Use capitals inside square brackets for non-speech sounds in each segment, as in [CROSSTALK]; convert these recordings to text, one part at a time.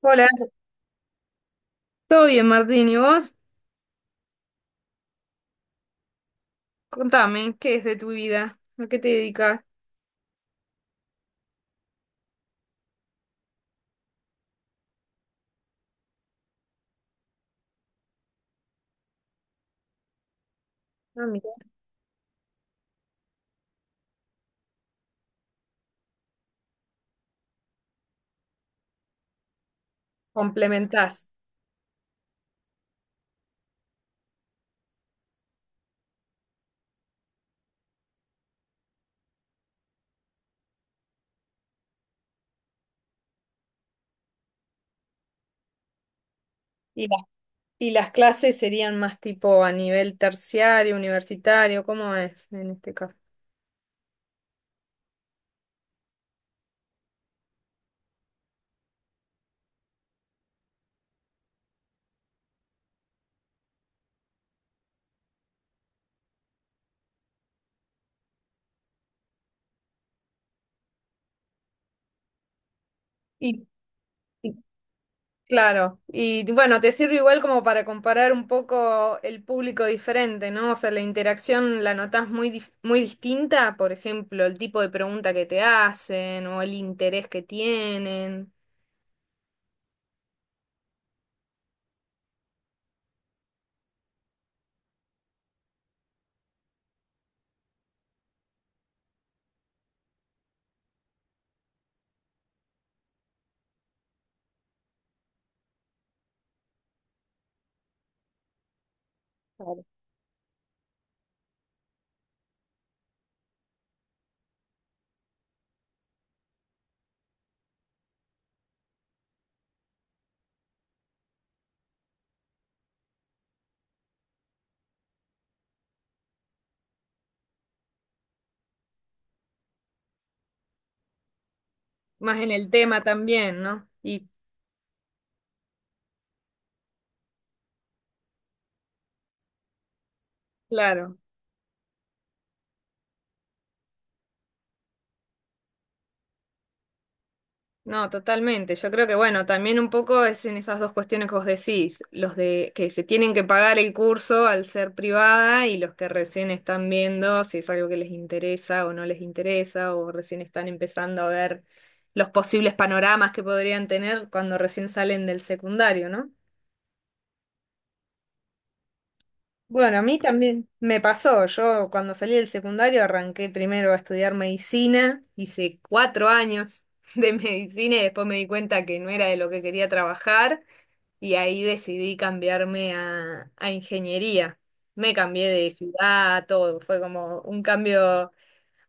Hola, ¿todo bien, Martín? ¿Y vos? Contame, ¿qué es de tu vida? ¿A qué te dedicas? Ah, mira. Complementás. ¿Y las clases serían más tipo a nivel terciario, universitario? ¿Cómo es en este caso? Y, y- claro, y bueno, te sirve igual como para comparar un poco el público diferente, ¿no? O sea, la interacción la notas muy distinta, por ejemplo, el tipo de pregunta que te hacen o el interés que tienen. Más en el tema también, ¿no? Y claro, no, totalmente. Yo creo que, bueno, también un poco es en esas dos cuestiones que vos decís, los de que se tienen que pagar el curso al ser privada y los que recién están viendo si es algo que les interesa o no les interesa o recién están empezando a ver los posibles panoramas que podrían tener cuando recién salen del secundario, ¿no? Bueno, a mí también me pasó. Yo cuando salí del secundario arranqué primero a estudiar medicina, hice 4 años de [LAUGHS] medicina y después me di cuenta que no era de lo que quería trabajar y ahí decidí cambiarme a ingeniería. Me cambié de ciudad, todo. Fue como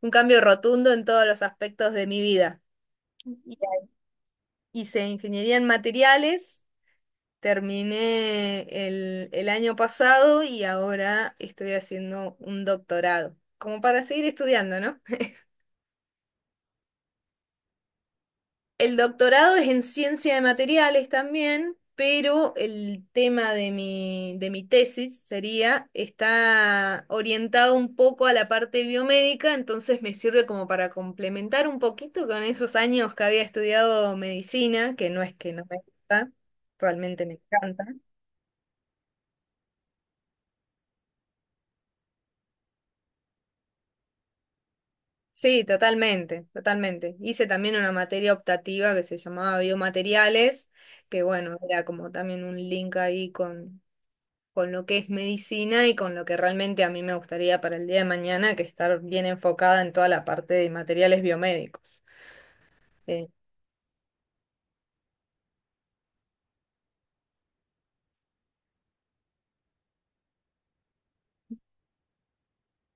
un cambio rotundo en todos los aspectos de mi vida. Y Hice ingeniería en materiales. Terminé el año pasado y ahora estoy haciendo un doctorado, como para seguir estudiando, ¿no? El doctorado es en ciencia de materiales también, pero el tema de mi tesis sería, está orientado un poco a la parte biomédica, entonces me sirve como para complementar un poquito con esos años que había estudiado medicina, que no es que no me gusta, realmente me encanta. Sí, totalmente, totalmente. Hice también una materia optativa que se llamaba biomateriales, que bueno, era como también un link ahí con lo que es medicina y con lo que realmente a mí me gustaría para el día de mañana, que estar bien enfocada en toda la parte de materiales biomédicos.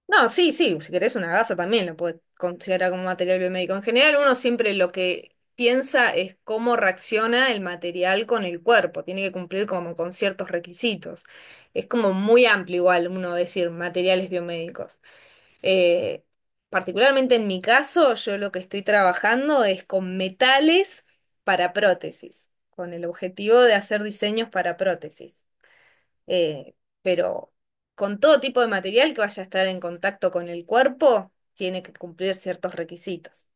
No, sí, sí, si querés una gasa también lo puedes considerar como material biomédico. En general, uno siempre lo que piensa es cómo reacciona el material con el cuerpo, tiene que cumplir como con ciertos requisitos. Es como muy amplio igual uno decir materiales biomédicos. Eh, Particularmente en mi caso, yo lo que estoy trabajando es con metales para prótesis, con el objetivo de hacer diseños para prótesis, eh, pero con todo tipo de material que vaya a estar en contacto con el cuerpo, tiene que cumplir ciertos requisitos.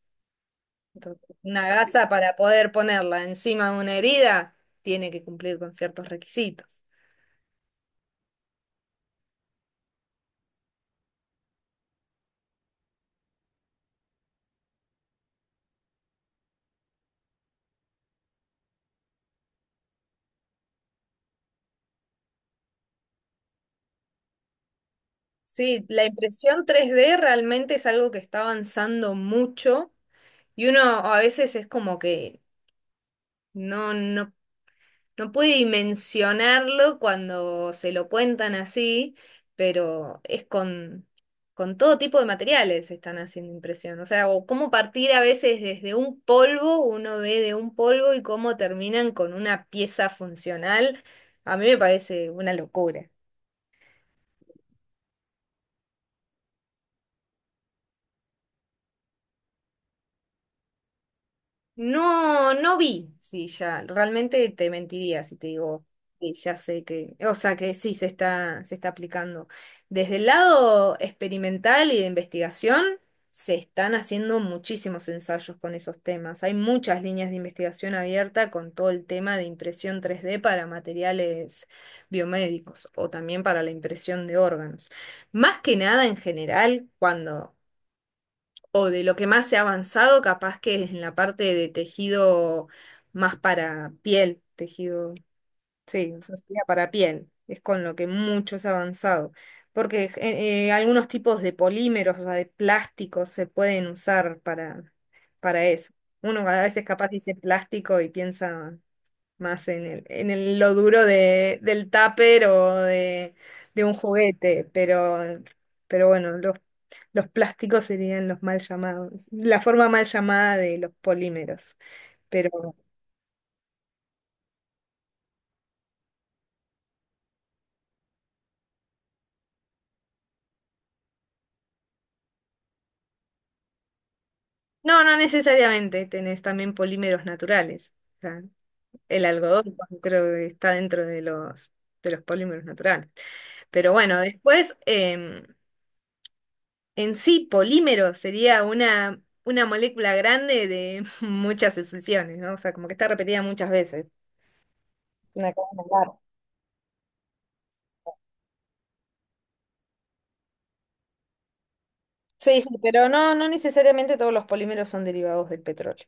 Entonces, una gasa para poder ponerla encima de una herida, tiene que cumplir con ciertos requisitos. Sí, la impresión 3D realmente es algo que está avanzando mucho y uno a veces es como que no, no No pude dimensionarlo cuando se lo cuentan así, pero es con todo tipo de materiales están haciendo impresión. O sea, o cómo partir a veces desde un polvo, uno ve de un polvo y cómo terminan con una pieza funcional, a mí me parece una locura. No, no vi. Sí, ya, realmente te mentiría si te digo que ya sé que, o sea, que sí se está aplicando. Desde el lado experimental y de investigación, se están haciendo muchísimos ensayos con esos temas. Hay muchas líneas de investigación abierta con todo el tema de impresión 3D para materiales biomédicos o también para la impresión de órganos. Más que nada en general, cuando o de lo que más se ha avanzado, capaz que es en la parte de tejido más para piel, tejido, sí, o sea, sería para piel, es con lo que mucho se ha avanzado, porque algunos tipos de polímeros, o sea, de plásticos se pueden usar para, eso. Uno a veces capaz dice plástico y piensa más lo duro del tupper o de un juguete, pero, bueno, los plásticos serían los mal llamados, la forma mal llamada de los polímeros, pero no, no necesariamente, tenés también polímeros naturales, o sea, el algodón creo que está dentro de los, polímeros naturales, pero bueno, después... En sí, polímero sería una molécula grande de [LAUGHS] muchas sucesiones, ¿no? O sea, como que está repetida muchas veces. Una cadena larga. Sí, sí, pero no, no necesariamente todos los polímeros son derivados del petróleo.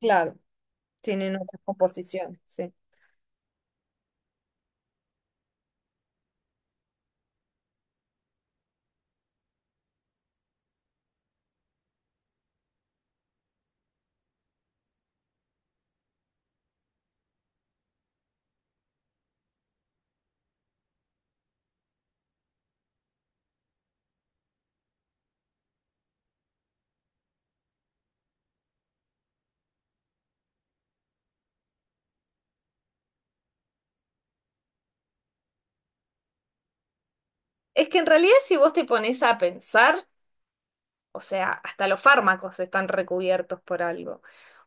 Claro. Tienen otras composiciones, sí. Es que en realidad si vos te pones a pensar, o sea, hasta los fármacos están recubiertos por algo. O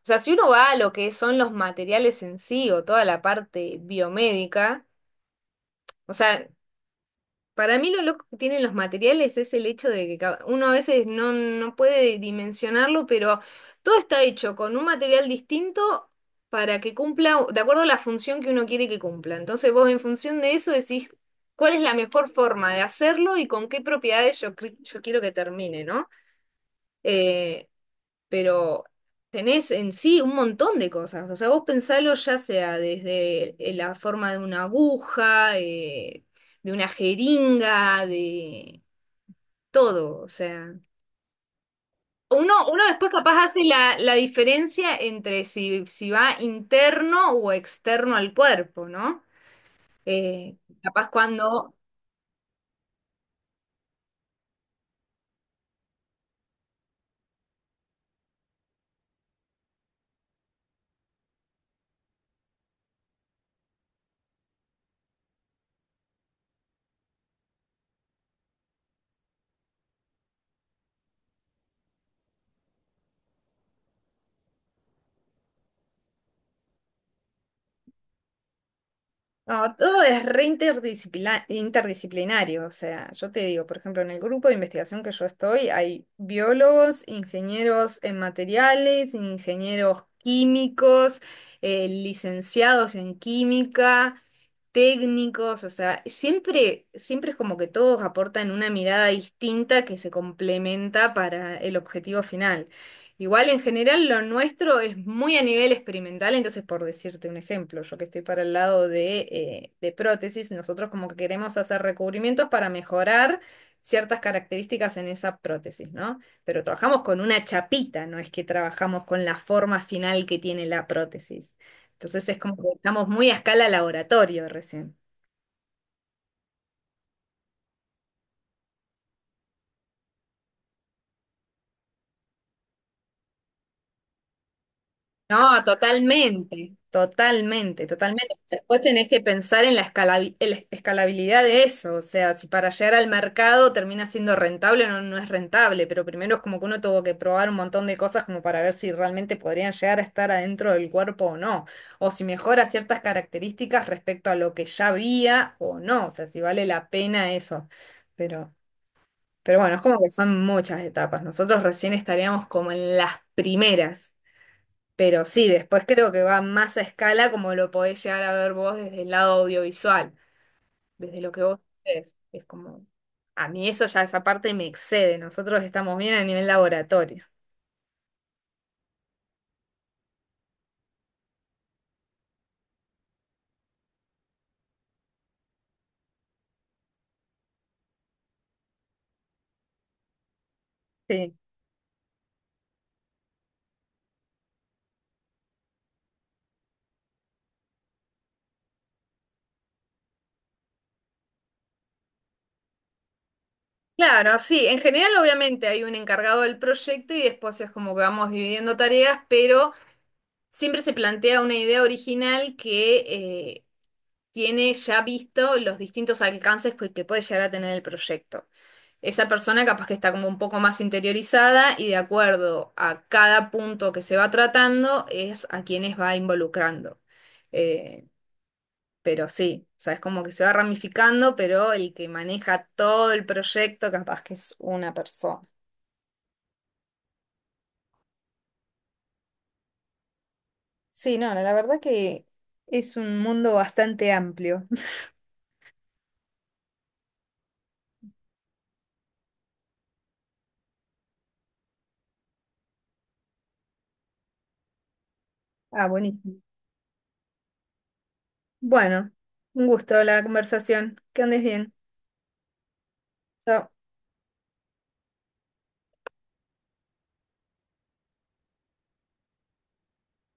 sea, si uno va a lo que son los materiales en sí o toda la parte biomédica, o sea, para mí lo loco que tienen los materiales es el hecho de que uno a veces no, no puede dimensionarlo, pero todo está hecho con un material distinto para que cumpla, de acuerdo a la función que uno quiere que cumpla. Entonces vos en función de eso decís cuál es la mejor forma de hacerlo y con qué propiedades yo quiero que termine, ¿no? Eh, pero tenés en sí un montón de cosas. O sea, vos pensalo ya sea desde la forma de una aguja, de una jeringa, de todo. O sea, uno, después capaz hace la, diferencia entre si va interno o externo al cuerpo, ¿no? Eh, Capaz cuando, no, todo es re interdisciplinario. O sea, yo te digo, por ejemplo, en el grupo de investigación que yo estoy, hay biólogos, ingenieros en materiales, ingenieros químicos, licenciados en química, técnicos, o sea, siempre, siempre es como que todos aportan una mirada distinta que se complementa para el objetivo final. Igual en general lo nuestro es muy a nivel experimental, entonces por decirte un ejemplo, yo que estoy para el lado de prótesis, nosotros como que queremos hacer recubrimientos para mejorar ciertas características en esa prótesis, ¿no? Pero trabajamos con una chapita, no es que trabajamos con la forma final que tiene la prótesis. Entonces es como que estamos muy a escala laboratorio recién. No, totalmente. Totalmente, totalmente. Después tenés que pensar en la escalabilidad de eso, o sea, si para llegar al mercado termina siendo rentable o no, no es rentable, pero primero es como que uno tuvo que probar un montón de cosas como para ver si realmente podrían llegar a estar adentro del cuerpo o no, o si mejora ciertas características respecto a lo que ya había o no, o sea, si vale la pena eso. Pero bueno, es como que son muchas etapas. Nosotros recién estaríamos como en las primeras. Pero sí, después creo que va más a escala como lo podés llegar a ver vos desde el lado audiovisual, desde lo que vos haces. Es como, a mí eso ya esa parte me excede. Nosotros estamos bien a nivel laboratorio. Sí. Claro, sí. En general, obviamente, hay un encargado del proyecto y después es como que vamos dividiendo tareas, pero siempre se plantea una idea original que eh, tiene ya visto los distintos alcances que puede llegar a tener el proyecto. Esa persona capaz que está como un poco más interiorizada y de acuerdo a cada punto que se va tratando es a quienes va involucrando. Eh, pero sí, o sea, es como que se va ramificando, pero el que maneja todo el proyecto capaz que es una persona. Sí, no, la verdad que es un mundo bastante amplio. [LAUGHS] Ah, buenísimo. Bueno, un gusto la conversación. Que andes bien. Chao.